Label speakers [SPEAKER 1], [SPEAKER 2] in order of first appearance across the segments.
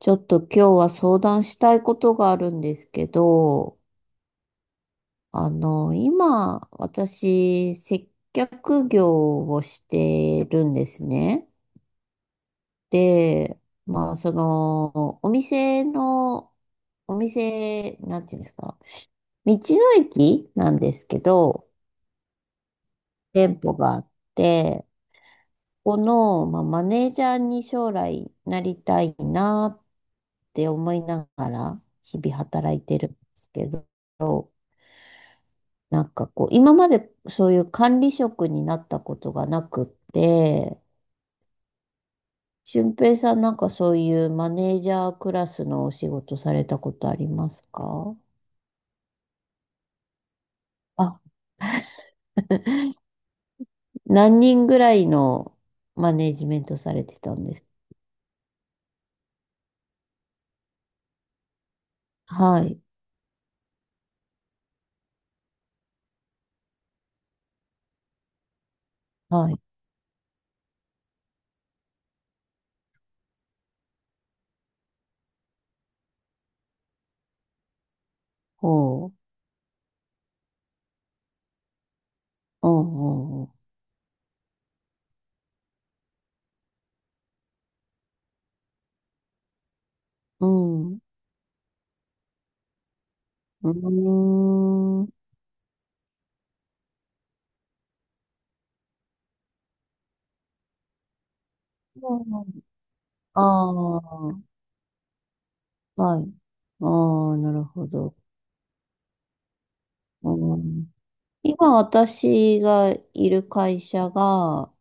[SPEAKER 1] ちょっと今日は相談したいことがあるんですけど、今、私、接客業をしてるんですね。で、まあ、その、お店の、お店、なんていうんですか、道の駅なんですけど、店舗があって、この、まあ、マネージャーに将来なりたいなって思いながら、日々働いてるんですけど、今までそういう管理職になったことがなくって、俊平さんなんかそういうマネージャークラスのお仕事されたことありますか？あ、何人ぐらいのマネージメントされてたんです？はい、はい、ほう、うんうん、うん、うん、うーん、ああー、はい、ああ、なるほど、うん。今私がいる会社が、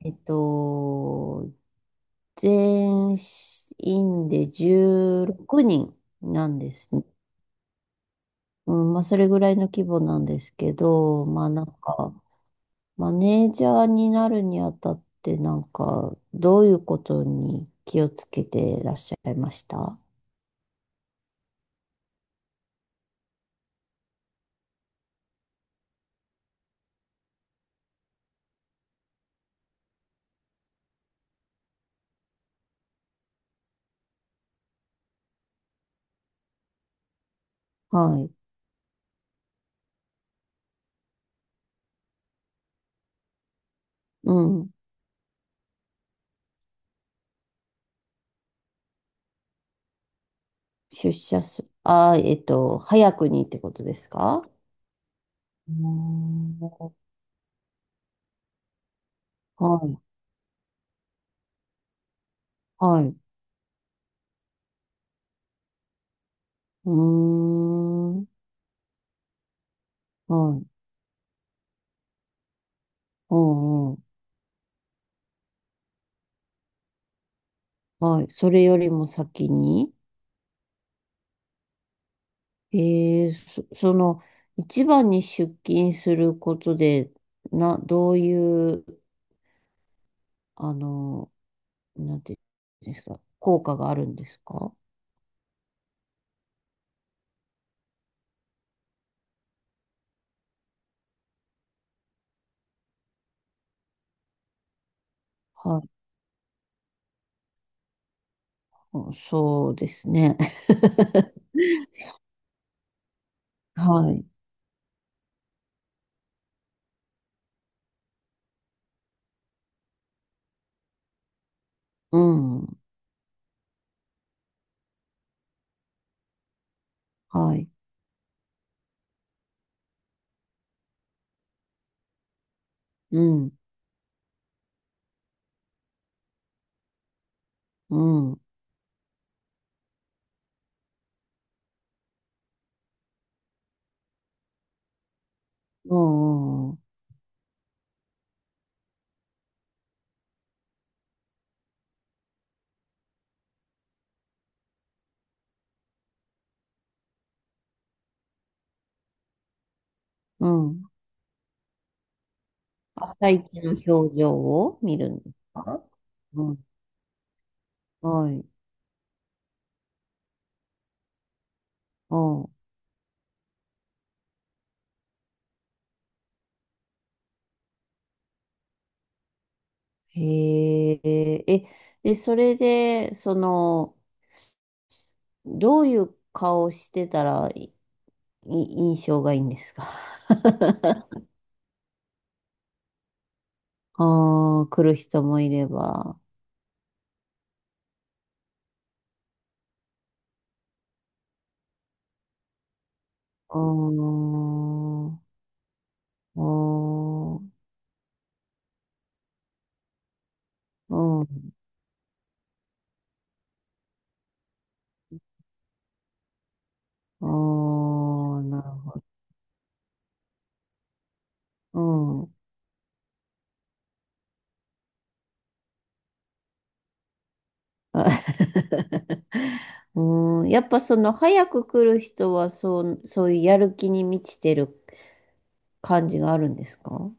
[SPEAKER 1] えっと、全員で16人なんですね。うん、まあ、それぐらいの規模なんですけど、マネージャーになるにあたって、なんか、どういうことに気をつけてらっしゃいました？はい。うん。出社す、早くにってことですか？うーんはい。はい。うーん。はい。うんうん。はい。それよりも先に、えー、その、一番に出勤することで、な、どういう、あの、なんていうんですか、効果があるんですか？はい。うんそうですね。はい。うん。はい。うん。うん。うん。うん。うん。朝一の表情を見るんですか？うん。はい。うん。へえ、え、で、それで、その、どういう顔してたらいい印象がいいんですか？あ あー、来る人もいれば。うーん、うーん、うん、うーんなるほど。うん。うん、やっぱその早く来る人はそう、そういうやる気に満ちてる感じがあるんですか？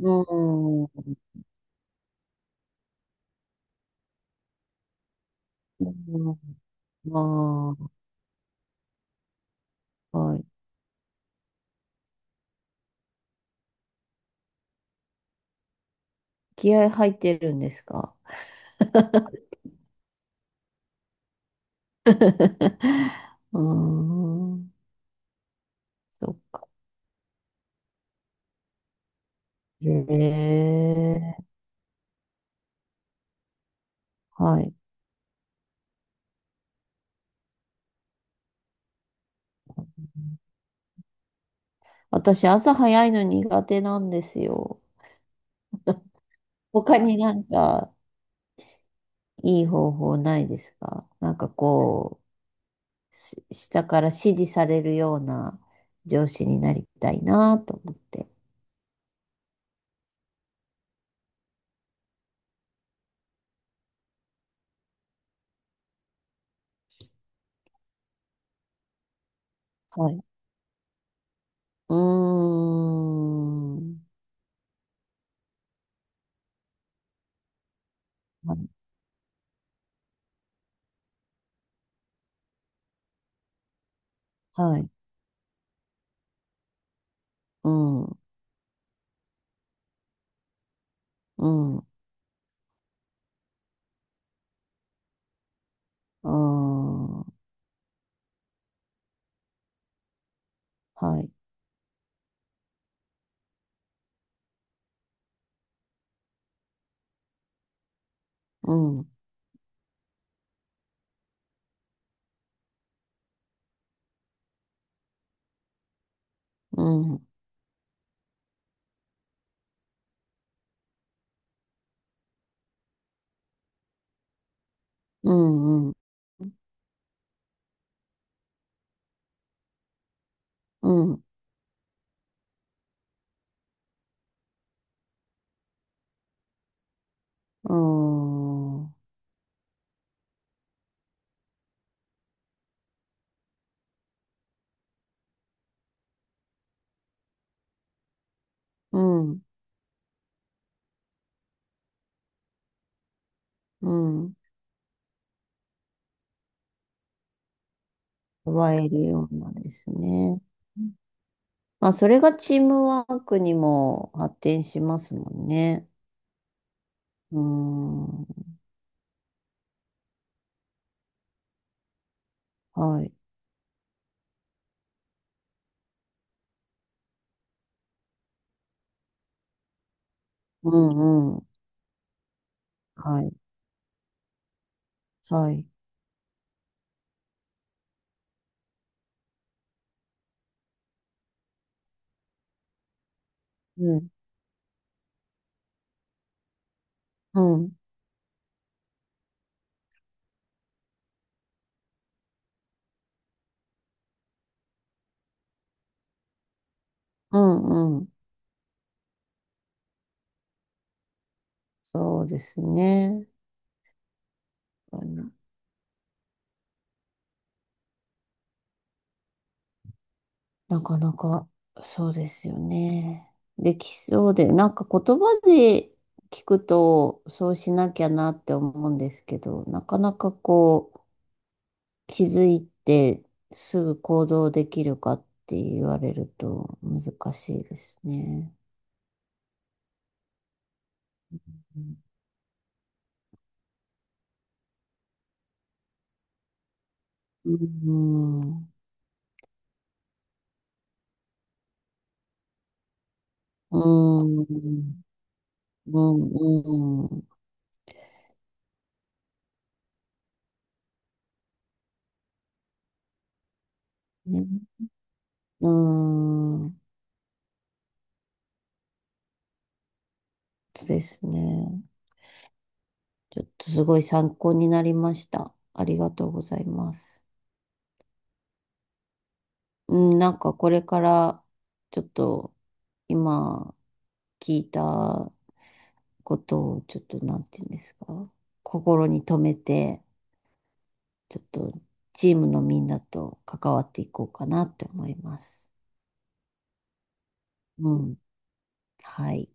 [SPEAKER 1] うん。うん、ああ、はい。気合入ってるんですか？うーん。そっか。へえ。はい。私、朝早いの苦手なんですよ。他になんかいい方法ないですか？し下から指示されるような上司になりたいなと思って。はい。うーん。はい。はい。うん。うん。うーん。はい。うん。うん。うん。うん。うん。うん、うん、うん。奪えるようなですね。まあ、それがチームワークにも発展しますもんね。うん、はい。うん、うん。はい、はい。うん、うん、うん、うん。そうですね。うん。なかなか、そうですよね。できそうで、なんか言葉で聞くと、そうしなきゃなって思うんですけど、なかなかこう、気づいてすぐ行動できるかって言われると難しいですね。うん。うん。うん。うん。うんね。うん。そうですね。ちょっとすごい参考になりました。ありがとうございます。うん、なんかこれからちょっと今聞いたことをちょっとなんていうんですか。心に留めてちょっとチームのみんなと関わっていこうかなって思います。うん。はい。